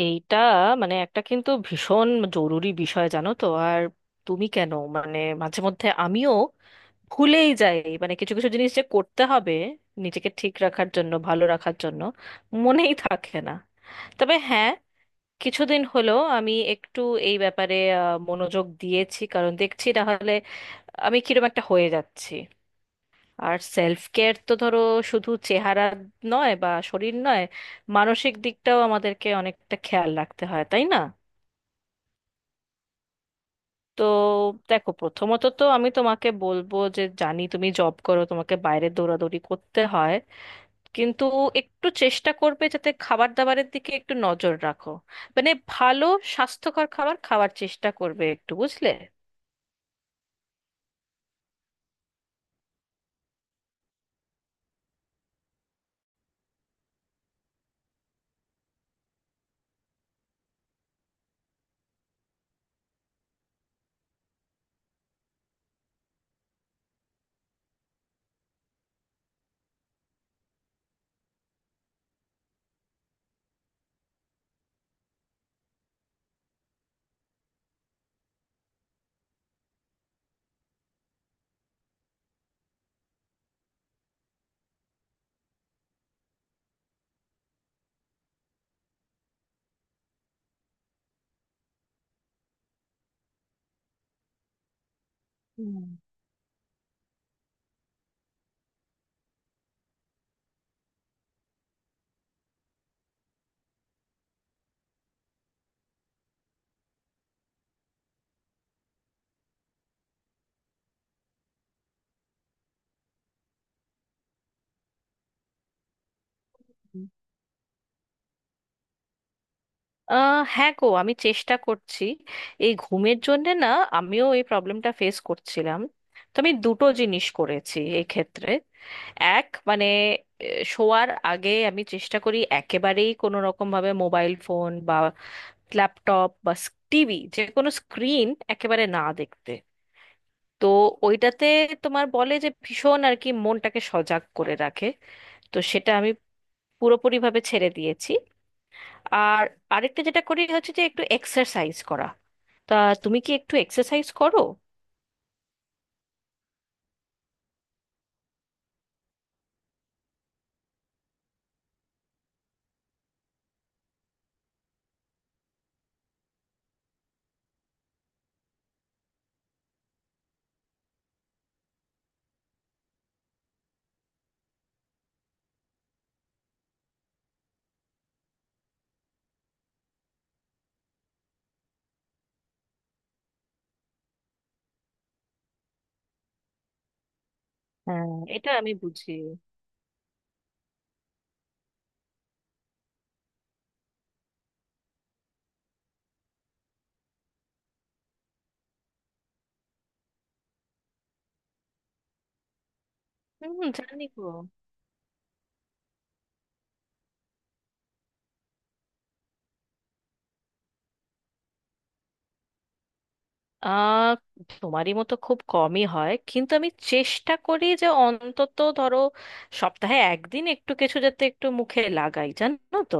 এইটা মানে একটা কিন্তু ভীষণ জরুরি বিষয়, জানো তো? আর তুমি কেন, মানে মাঝে মধ্যে আমিও ভুলেই যাই মানে কিছু কিছু জিনিস যে করতে হবে নিজেকে ঠিক রাখার জন্য, ভালো রাখার জন্য, মনেই থাকে না। তবে হ্যাঁ, কিছুদিন হলো আমি একটু এই ব্যাপারে মনোযোগ দিয়েছি, কারণ দেখছি না হলে আমি কিরকম একটা হয়ে যাচ্ছি। আর সেলফ কেয়ার তো ধরো শুধু চেহারা নয় বা শরীর নয়, মানসিক দিকটাও আমাদেরকে অনেকটা খেয়াল রাখতে হয়, তাই না? তো দেখো, প্রথমত তো আমি তোমাকে বলবো যে, জানি তুমি জব করো, তোমাকে বাইরে দৌড়াদৌড়ি করতে হয়, কিন্তু একটু চেষ্টা করবে যাতে খাবার দাবারের দিকে একটু নজর রাখো। মানে ভালো স্বাস্থ্যকর খাবার খাওয়ার চেষ্টা করবে একটু, বুঝলে। হুম। হ্যাঁ গো, আমি চেষ্টা করছি। এই ঘুমের জন্যে না, আমিও এই প্রবলেমটা ফেস করছিলাম। তো আমি দুটো জিনিস করেছি এই ক্ষেত্রে। এক, মানে শোয়ার আগে আমি চেষ্টা করি একেবারেই কোনো রকম ভাবে মোবাইল ফোন বা ল্যাপটপ বা টিভি, যে কোনো স্ক্রিন একেবারে না দেখতে। তো ওইটাতে তোমার বলে যে ভীষণ আর কি মনটাকে সজাগ করে রাখে। তো সেটা আমি পুরোপুরিভাবে ছেড়ে দিয়েছি। আর আরেকটা যেটা করি হচ্ছে যে একটু এক্সারসাইজ করা। তা তুমি কি একটু এক্সারসাইজ করো? হ্যাঁ, এটা আমি বুঝি। হুম, জানি গো। আহ তোমারই মতো খুব কমই হয়, কিন্তু আমি চেষ্টা করি যে অন্তত ধরো সপ্তাহে একদিন একটু কিছু যাতে একটু মুখে লাগাই, জানো তো।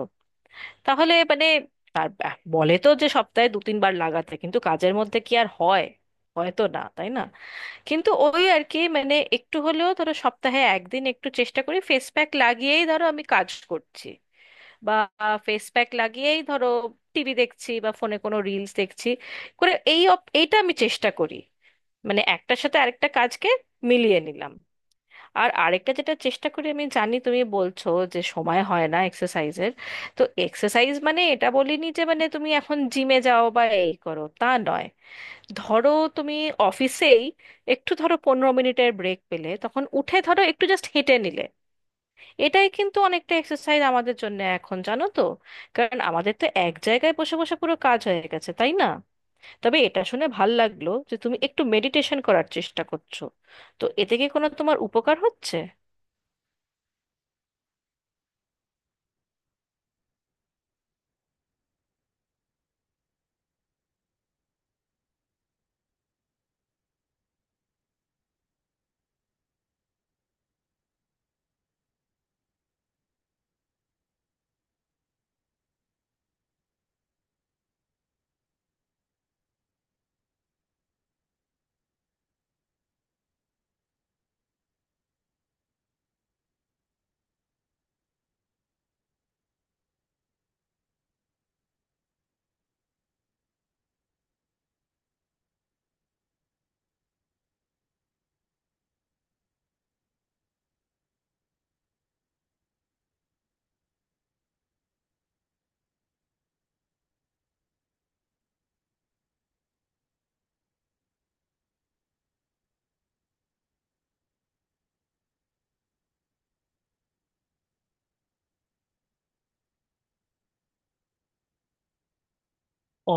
তাহলে মানে তার বলে তো যে সপ্তাহে দু তিনবার লাগাতে, কিন্তু কাজের মধ্যে কি আর হয়? হয়তো না, তাই না? কিন্তু ওই আর কি, মানে একটু হলেও ধরো সপ্তাহে একদিন একটু চেষ্টা করি। ফেস প্যাক লাগিয়েই ধরো আমি কাজ করছি, বা ফেস প্যাক লাগিয়েই ধরো টিভি দেখছি বা ফোনে কোনো রিলস দেখছি করে। এই এইটা আমি চেষ্টা করি, মানে একটার সাথে আরেকটা কাজকে মিলিয়ে নিলাম। আর আরেকটা যেটা চেষ্টা করি, আমি জানি তুমি বলছো যে সময় হয় না এক্সারসাইজের, তো এক্সারসাইজ মানে এটা বলিনি যে মানে তুমি এখন জিমে যাও বা এই করো, তা নয়। ধরো তুমি অফিসেই একটু ধরো 15 মিনিটের ব্রেক পেলে, তখন উঠে ধরো একটু জাস্ট হেঁটে নিলে এটাই কিন্তু অনেকটা এক্সারসাইজ আমাদের জন্য এখন, জানো তো। কারণ আমাদের তো এক জায়গায় বসে বসে পুরো কাজ হয়ে গেছে, তাই না? তবে এটা শুনে ভাল লাগলো যে তুমি একটু মেডিটেশন করার চেষ্টা করছো। তো এতে কি কোনো তোমার উপকার হচ্ছে?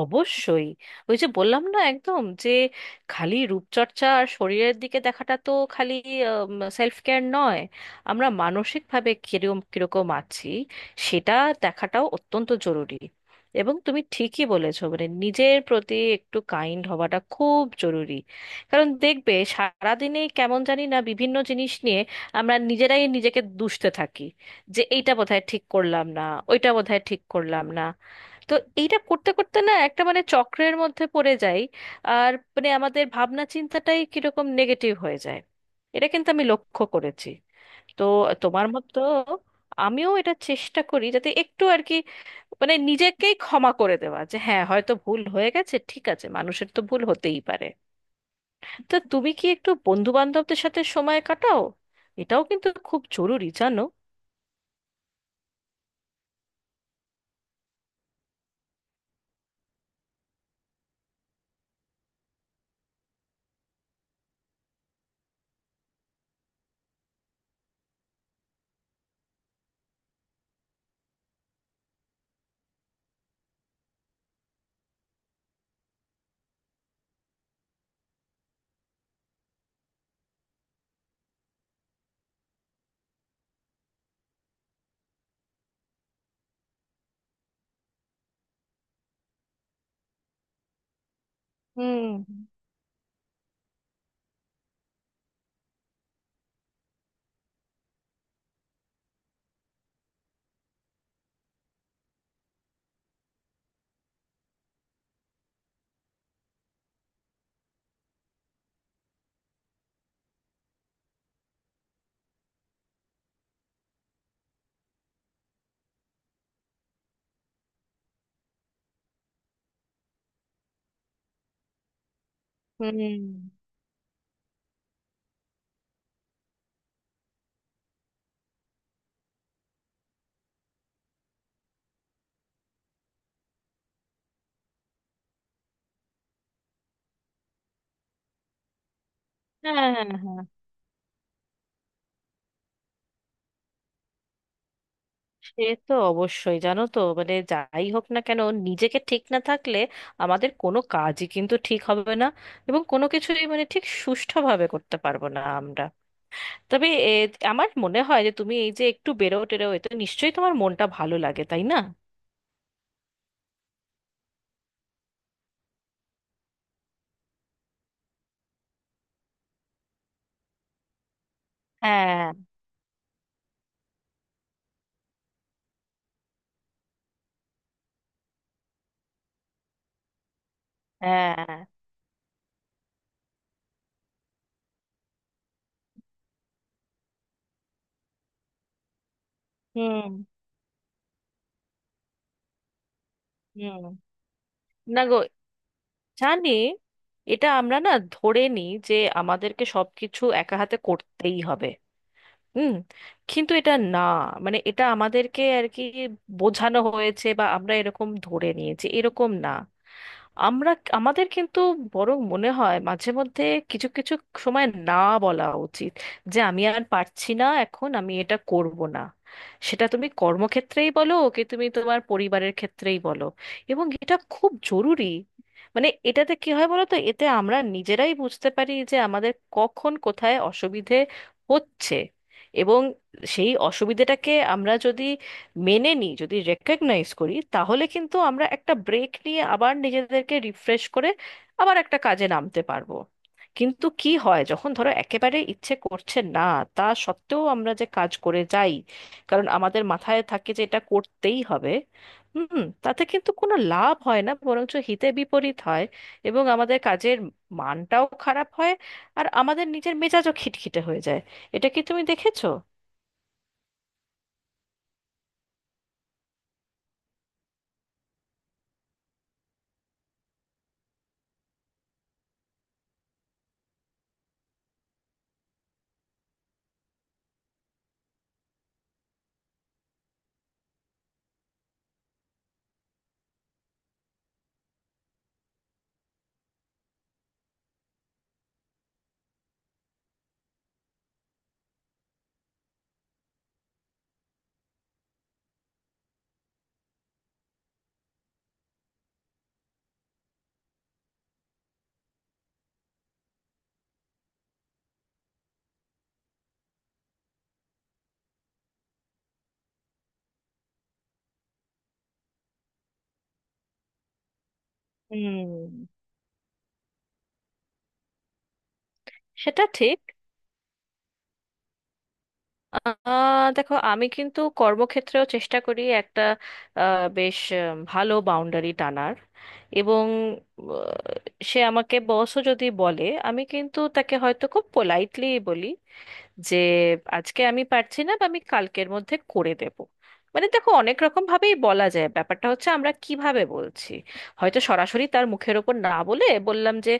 অবশ্যই। ওই যে বললাম না, একদম যে খালি রূপচর্চা আর শরীরের দিকে দেখাটা তো খালি সেলফ কেয়ার নয়। আমরা মানসিকভাবে কিরকম কিরকম আছি সেটা দেখাটাও অত্যন্ত জরুরি। এবং তুমি ঠিকই বলেছো, মানে নিজের প্রতি একটু কাইন্ড হওয়াটা খুব জরুরি। কারণ দেখবে সারাদিনে কেমন জানি না বিভিন্ন জিনিস নিয়ে আমরা নিজেরাই নিজেকে দুষতে থাকি, যে এইটা বোধহয় ঠিক করলাম না, ওইটা বোধহয় ঠিক করলাম না। তো এইটা করতে করতে না একটা মানে চক্রের মধ্যে পড়ে যাই, আর মানে আমাদের ভাবনা চিন্তাটাই কিরকম নেগেটিভ হয়ে যায়। এটা কিন্তু আমি লক্ষ্য করেছি। তো তোমার মতো আমিও এটা চেষ্টা করি যাতে একটু আর কি, মানে নিজেকেই ক্ষমা করে দেওয়া, যে হ্যাঁ হয়তো ভুল হয়ে গেছে, ঠিক আছে, মানুষের তো ভুল হতেই পারে। তো তুমি কি একটু বন্ধু বান্ধবদের সাথে সময় কাটাও? এটাও কিন্তু খুব জরুরি, জানো। হুম। হুম। হ্যাঁ, হ্যাঁ, হ্যাঁ। সে তো অবশ্যই, জানো তো মানে যাই হোক না কেন, নিজেকে ঠিক না থাকলে আমাদের কোনো কাজই কিন্তু ঠিক হবে না, এবং কোনো কিছুই মানে ঠিক সুষ্ঠুভাবে করতে পারবো না আমরা। তবে আমার মনে হয় যে তুমি এই যে একটু বেরো টেরো, এতে নিশ্চয়ই তোমার মনটা ভালো লাগে, তাই না? হ্যাঁ। হ্যাঁ। হুম। হুম। না গো, জানি। এটা আমরা না ধরে নিই যে আমাদেরকে সবকিছু একা হাতে করতেই হবে। হুম। কিন্তু এটা না, মানে এটা আমাদেরকে আর কি বোঝানো হয়েছে বা আমরা এরকম ধরে নিয়েছি, এরকম না। আমরা আমাদের কিন্তু বরং মনে হয় মাঝে মধ্যে কিছু কিছু সময় না বলা উচিত, যে আমি আর পারছি না, এখন আমি এটা করব না। সেটা তুমি কর্মক্ষেত্রেই বলো কি তুমি তোমার পরিবারের ক্ষেত্রেই বলো, এবং এটা খুব জরুরি। মানে এটাতে কি হয় বলো তো? এতে আমরা নিজেরাই বুঝতে পারি যে আমাদের কখন কোথায় অসুবিধে হচ্ছে। এবং সেই অসুবিধেটাকে আমরা যদি মেনে নিই, যদি রেকগনাইজ করি, তাহলে কিন্তু আমরা একটা ব্রেক নিয়ে আবার নিজেদেরকে রিফ্রেশ করে আবার একটা কাজে নামতে পারবো। কিন্তু কি হয়, যখন ধরো একেবারে ইচ্ছে করছে না, তা সত্ত্বেও আমরা যে কাজ করে যাই, কারণ আমাদের মাথায় থাকে যে এটা করতেই হবে। হুম, তাতে কিন্তু কোনো লাভ হয় না, বরঞ্চ হিতে বিপরীত হয়। এবং আমাদের কাজের মানটাও খারাপ হয়, আর আমাদের নিজের মেজাজও খিটখিটে হয়ে যায়। এটা কি তুমি দেখেছো? হুম, সেটা ঠিক। আহ দেখো, আমি কিন্তু কর্মক্ষেত্রেও চেষ্টা করি একটা বেশ ভালো বাউন্ডারি টানার। এবং সে আমাকে বসও যদি বলে, আমি কিন্তু তাকে হয়তো খুব পোলাইটলি বলি যে আজকে আমি পারছি না, বা আমি কালকের মধ্যে করে দেব। মানে দেখো অনেক রকম ভাবেই বলা যায়, ব্যাপারটা হচ্ছে আমরা কিভাবে বলছি। হয়তো সরাসরি তার মুখের ওপর না বলে বললাম যে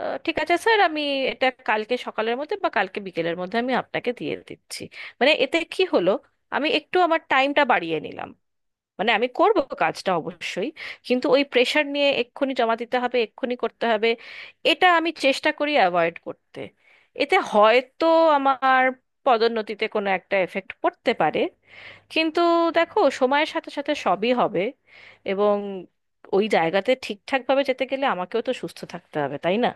ঠিক আছে স্যার, আমি এটা কালকে সকালের মধ্যে বা কালকে বিকেলের মধ্যে আমি আপনাকে দিয়ে দিচ্ছি। মানে এতে কি হলো, আমি একটু আমার টাইমটা বাড়িয়ে নিলাম। মানে আমি করব কাজটা অবশ্যই, কিন্তু ওই প্রেশার নিয়ে এক্ষুনি জমা দিতে হবে, এক্ষুনি করতে হবে, এটা আমি চেষ্টা করি অ্যাভয়েড করতে। এতে হয়তো আমার পদোন্নতিতে কোনো একটা এফেক্ট পড়তে পারে, কিন্তু দেখো সময়ের সাথে সাথে সবই হবে। এবং ওই জায়গাতে ঠিকঠাকভাবে যেতে গেলে আমাকেও তো সুস্থ থাকতে হবে, তাই না?